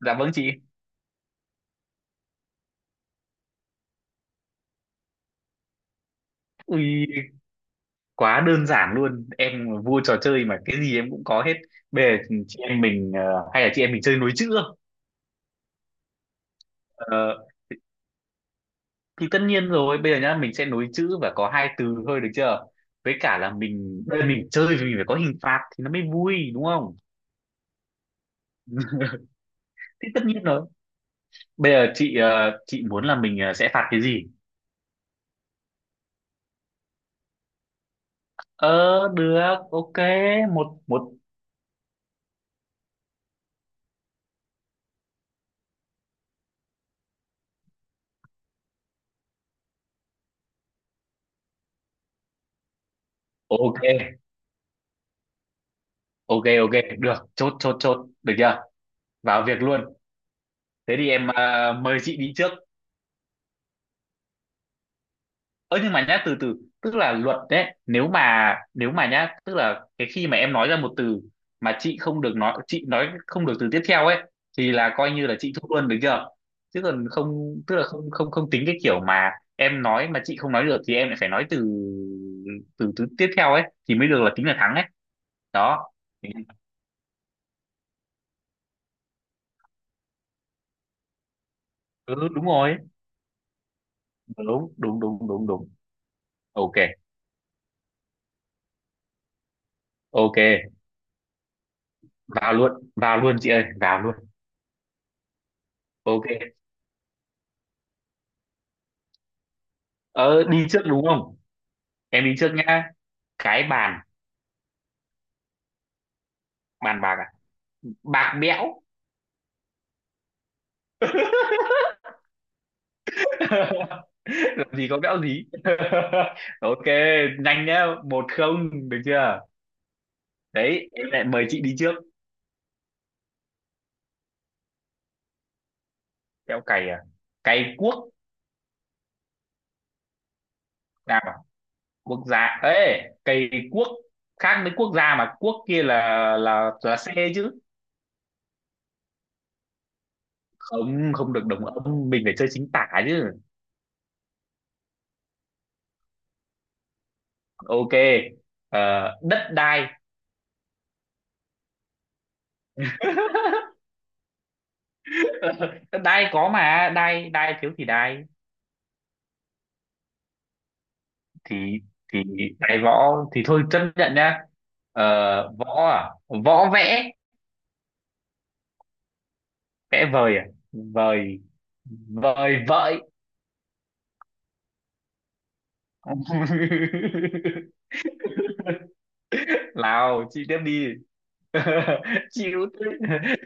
Dạ vâng chị. Ui, quá đơn giản luôn. Em là vua trò chơi mà cái gì em cũng có hết. Bây giờ chị em mình hay là chị em mình chơi nối chữ không? Ờ, thì tất nhiên rồi, bây giờ nhá, mình sẽ nối chữ và có hai từ thôi được chưa? Với cả là mình bây giờ mình chơi thì mình phải có hình phạt thì nó mới vui đúng không? Thì tất nhiên rồi. Bây giờ chị chị muốn là mình sẽ phạt cái gì? Ờ được, ok, một một ok, ok ok, được, chốt chốt chốt, được chưa? Vào việc luôn. Thế thì em mời chị đi trước. Ơ nhưng mà nhá, từ từ, tức là luật đấy, nếu mà nhá, tức là cái khi mà em nói ra một từ mà chị không được nói, chị nói không được từ tiếp theo ấy thì là coi như là chị thua luôn, được chưa? Chứ còn không tức là không không không tính cái kiểu mà em nói mà chị không nói được thì em lại phải nói từ từ từ tiếp theo ấy thì mới được là tính là thắng ấy, đó. Ừ, đúng rồi, đúng đúng đúng đúng đúng Ok ok, vào luôn chị ơi, vào luôn. Ok. Ờ Đi trước đúng không? Em đi trước nhá. Cái bàn. Bàn bạc à? Bạc bẽo. Làm gì có bẽo gì. Ok, nhanh nhá, một không được chưa? Đấy, em lại mời chị đi trước. Theo cày à? Cày quốc. Nào, quốc gia, ê, cày quốc khác với quốc gia, mà quốc kia là, là xe chứ. Không, không được đồng âm, mình phải chơi chính tả chứ. Ok. Đất đai. Đất đai có mà đai đai, thiếu thì đai. Thì thì đáy võ thì thôi, chấp nhận nhá. Võ à? Võ vẽ. Vẽ vời à? Vời. Vời vợi. Lào chị tiếp đi. Chịu tôi.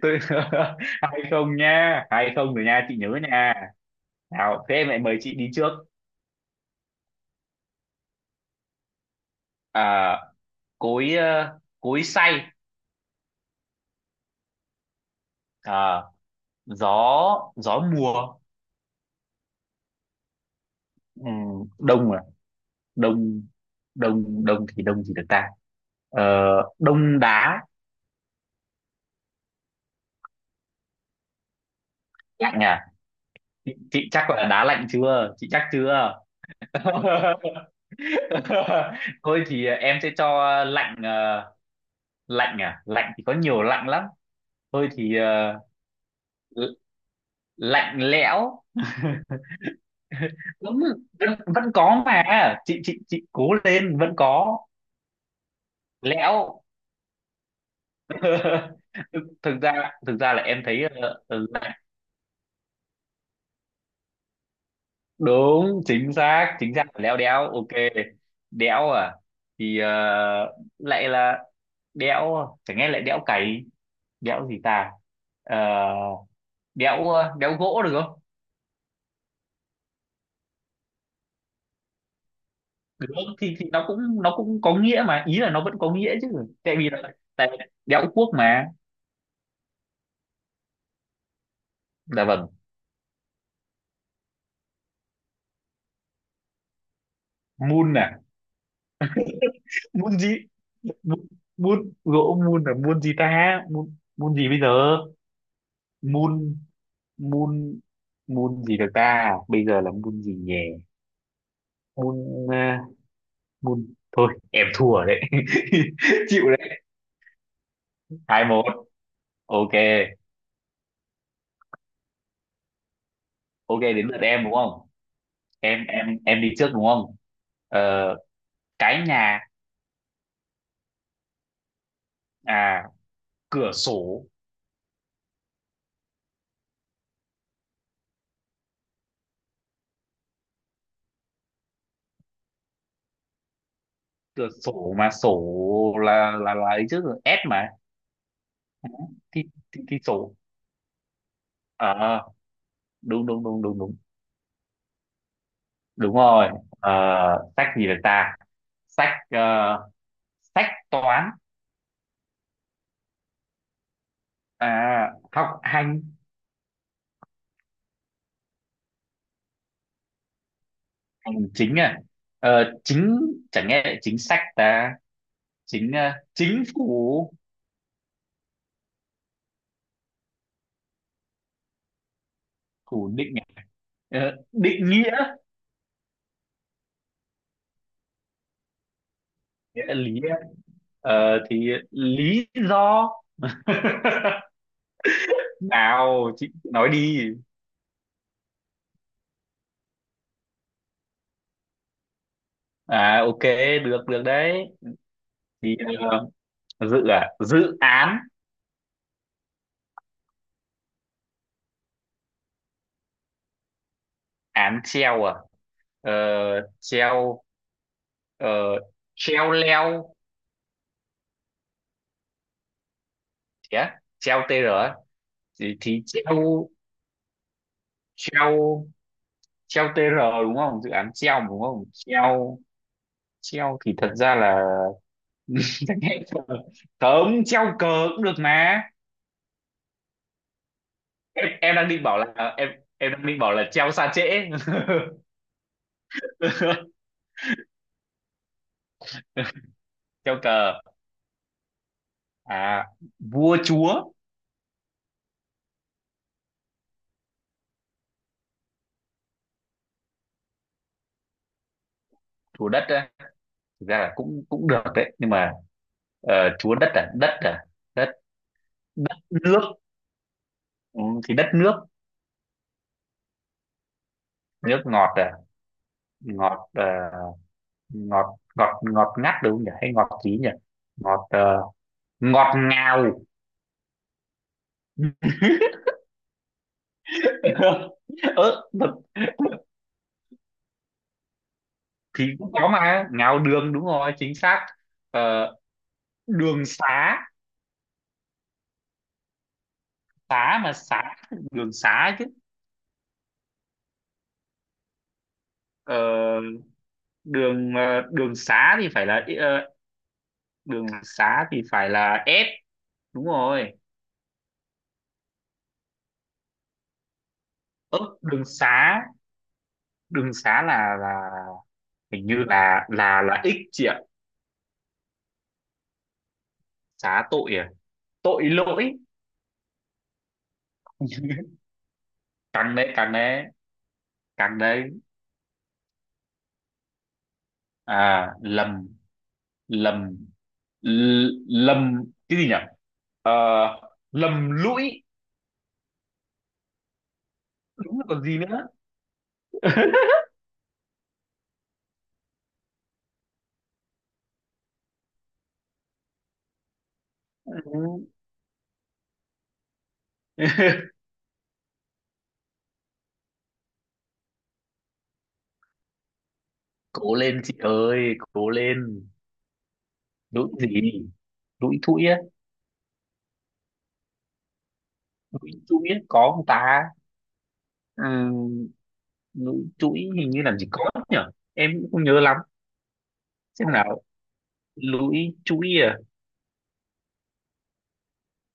Tôi. Hai không nha, hai không rồi nha, chị nhớ nha. Nào, thế em lại mời chị đi trước. À, cối, cối xay. À, gió, gió mùa. Ừ, đông à? Đông. Đông đông thì đông gì được ta? ờ, đông đá. Lạnh à? Chị chắc là đá lạnh chưa, chị chắc chưa? Thôi thì em sẽ cho lạnh. Ờ, Lạnh à? Lạnh thì có nhiều lạnh lắm. Thôi thì, l- lạnh lẽo. Đúng. Vẫn có mà, chị cố lên, vẫn có. Lẽo. thực thực ra là em thấy, ờ, đúng, chính xác chính xác, léo đéo, ok. Đéo à? Thì lại là đéo, chẳng nghe lại đéo cày. Đéo gì ta? Ờ, đéo, đéo gỗ được không? Được không? Thì thì nó cũng có nghĩa mà, ý là nó vẫn có nghĩa chứ. Tại vì đéo cuốc mà. Là vâng. Mun à? Mun gì? Mun. Mun. Gỗ mun là mun gì ta? Mun. Mun gì bây giờ? Mun. Mun. Mun gì được ta, bây giờ là mun gì nhỉ? Môn à, môn. Thôi em thua đấy. Chịu đấy. Hai một. Ok. Ok, đến lượt em đúng không? Em đi trước đúng không? ờ, cái nhà. À, cửa sổ. Cửa sổ mà sổ là, là ấy chứ, S mà. Thì thì, thì sổ, ờ đúng đúng đúng đúng đúng Đúng rồi. ờ, Sách gì được ta? Sách, sách toán. À, học hành. Hành chính à? Chính. Chẳng nghe lại chính sách ta. Chính, chính phủ. Phủ định à? Định nghĩa. Nghĩa là lý à? Thì lý do. Nào chị nói đi. À, ok, được được đấy. Thì, dự à, dự án. Án treo à? ờ, Treo, ờ, treo leo. Thế á? Treo tr. Á? Thì treo. Treo. Treo TR, đúng không, dự án treo mà, đúng không? Treo. Treo thì thật ra là. Cấm treo cờ cũng được mà. Em đang định bảo là em đang định bảo là treo xa trễ. Treo cờ à? Vua chúa. Chúa đất á? Thực ra là cũng cũng được đấy, nhưng mà ờ, chúa đất à, đất à? Đất. Đất nước. Ừ, thì đất nước. Nước ngọt à? Ngọt, ngọt, ngọt ngọt ngắt đúng không nhỉ, hay ngọt gì nhỉ? Ngọt, ngọt ngào. Ơ thật. Thì cũng có mà, ngào đường đúng rồi, chính xác. ờ, đường xá. Xá mà xá, đường xá chứ. ờ, Đường, đường xá thì phải là, đường xá thì phải là S, đúng rồi. Ơ đường xá, đường xá là hình như là X chị ạ. Xá tội à? Tội lỗi. Càng đấy, càng đấy, càng đấy. À, lầm. Lầm. Lầm. Cái gì nhỉ? Ờ, lầm lũi. Đúng, là còn gì nữa. Ừ. Cố lên chị ơi, cố lên. Lũi gì? Lũi thũi á? Lũi thũi á, có không ta? Ừ, lũi thũi hình như làm gì có nhỉ? Em cũng không nhớ lắm. Xem nào, lũi thũi à?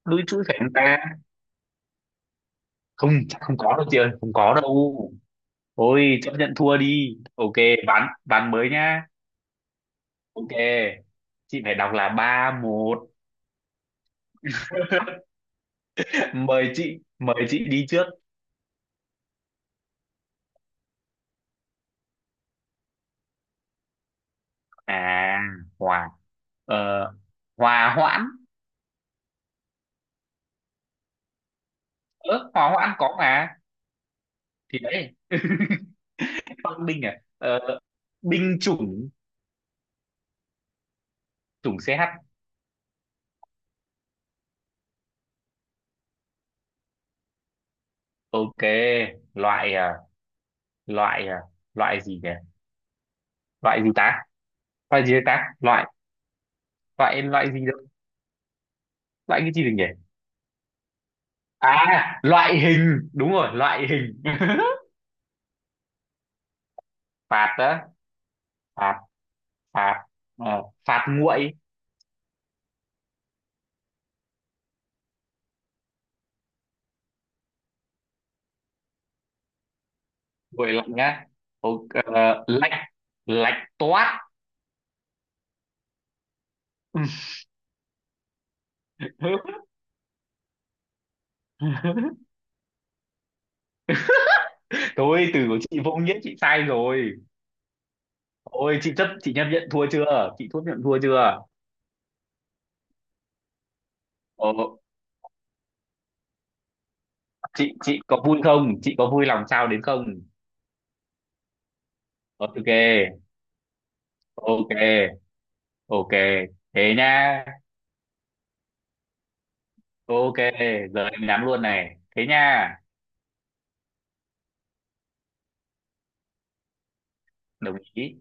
Lũi thũi phải không ta? Không, chắc không có đâu chị ơi, không có đâu. Thôi chấp nhận thua đi, ok. Bán mới nhá. Ok. Chị phải đọc là ba một. Mời chị, mời chị đi trước. À, hòa, ờ, hòa hoãn. Ớ hòa hoãn có mà. Thì đấy. Phong binh à? Ờ, Binh chủng. Chủng CH. Ok. Loại à, loại à, loại gì nhỉ? Loại gì ta, loại gì ta? Loại. Loại. Loại gì được? Loại cái gì được nhỉ? À, loại hình đúng rồi, loại hình phạt, đó. Phạt. Phạt, phạt nguội. Nguội lạnh á? Ok, lạnh. Lạnh toát. Thôi từ của chị vô nghĩa, chị sai rồi. Ôi chị chấp, chị chấp nhận thua chưa? Chị thua, nhận thua chưa? Ờ, chị có vui không? Chị có vui lòng sao đến không? Ok, ok, ok. Thế nha. Ok, giờ em nhắn luôn này. Thế nha. Đồng ý.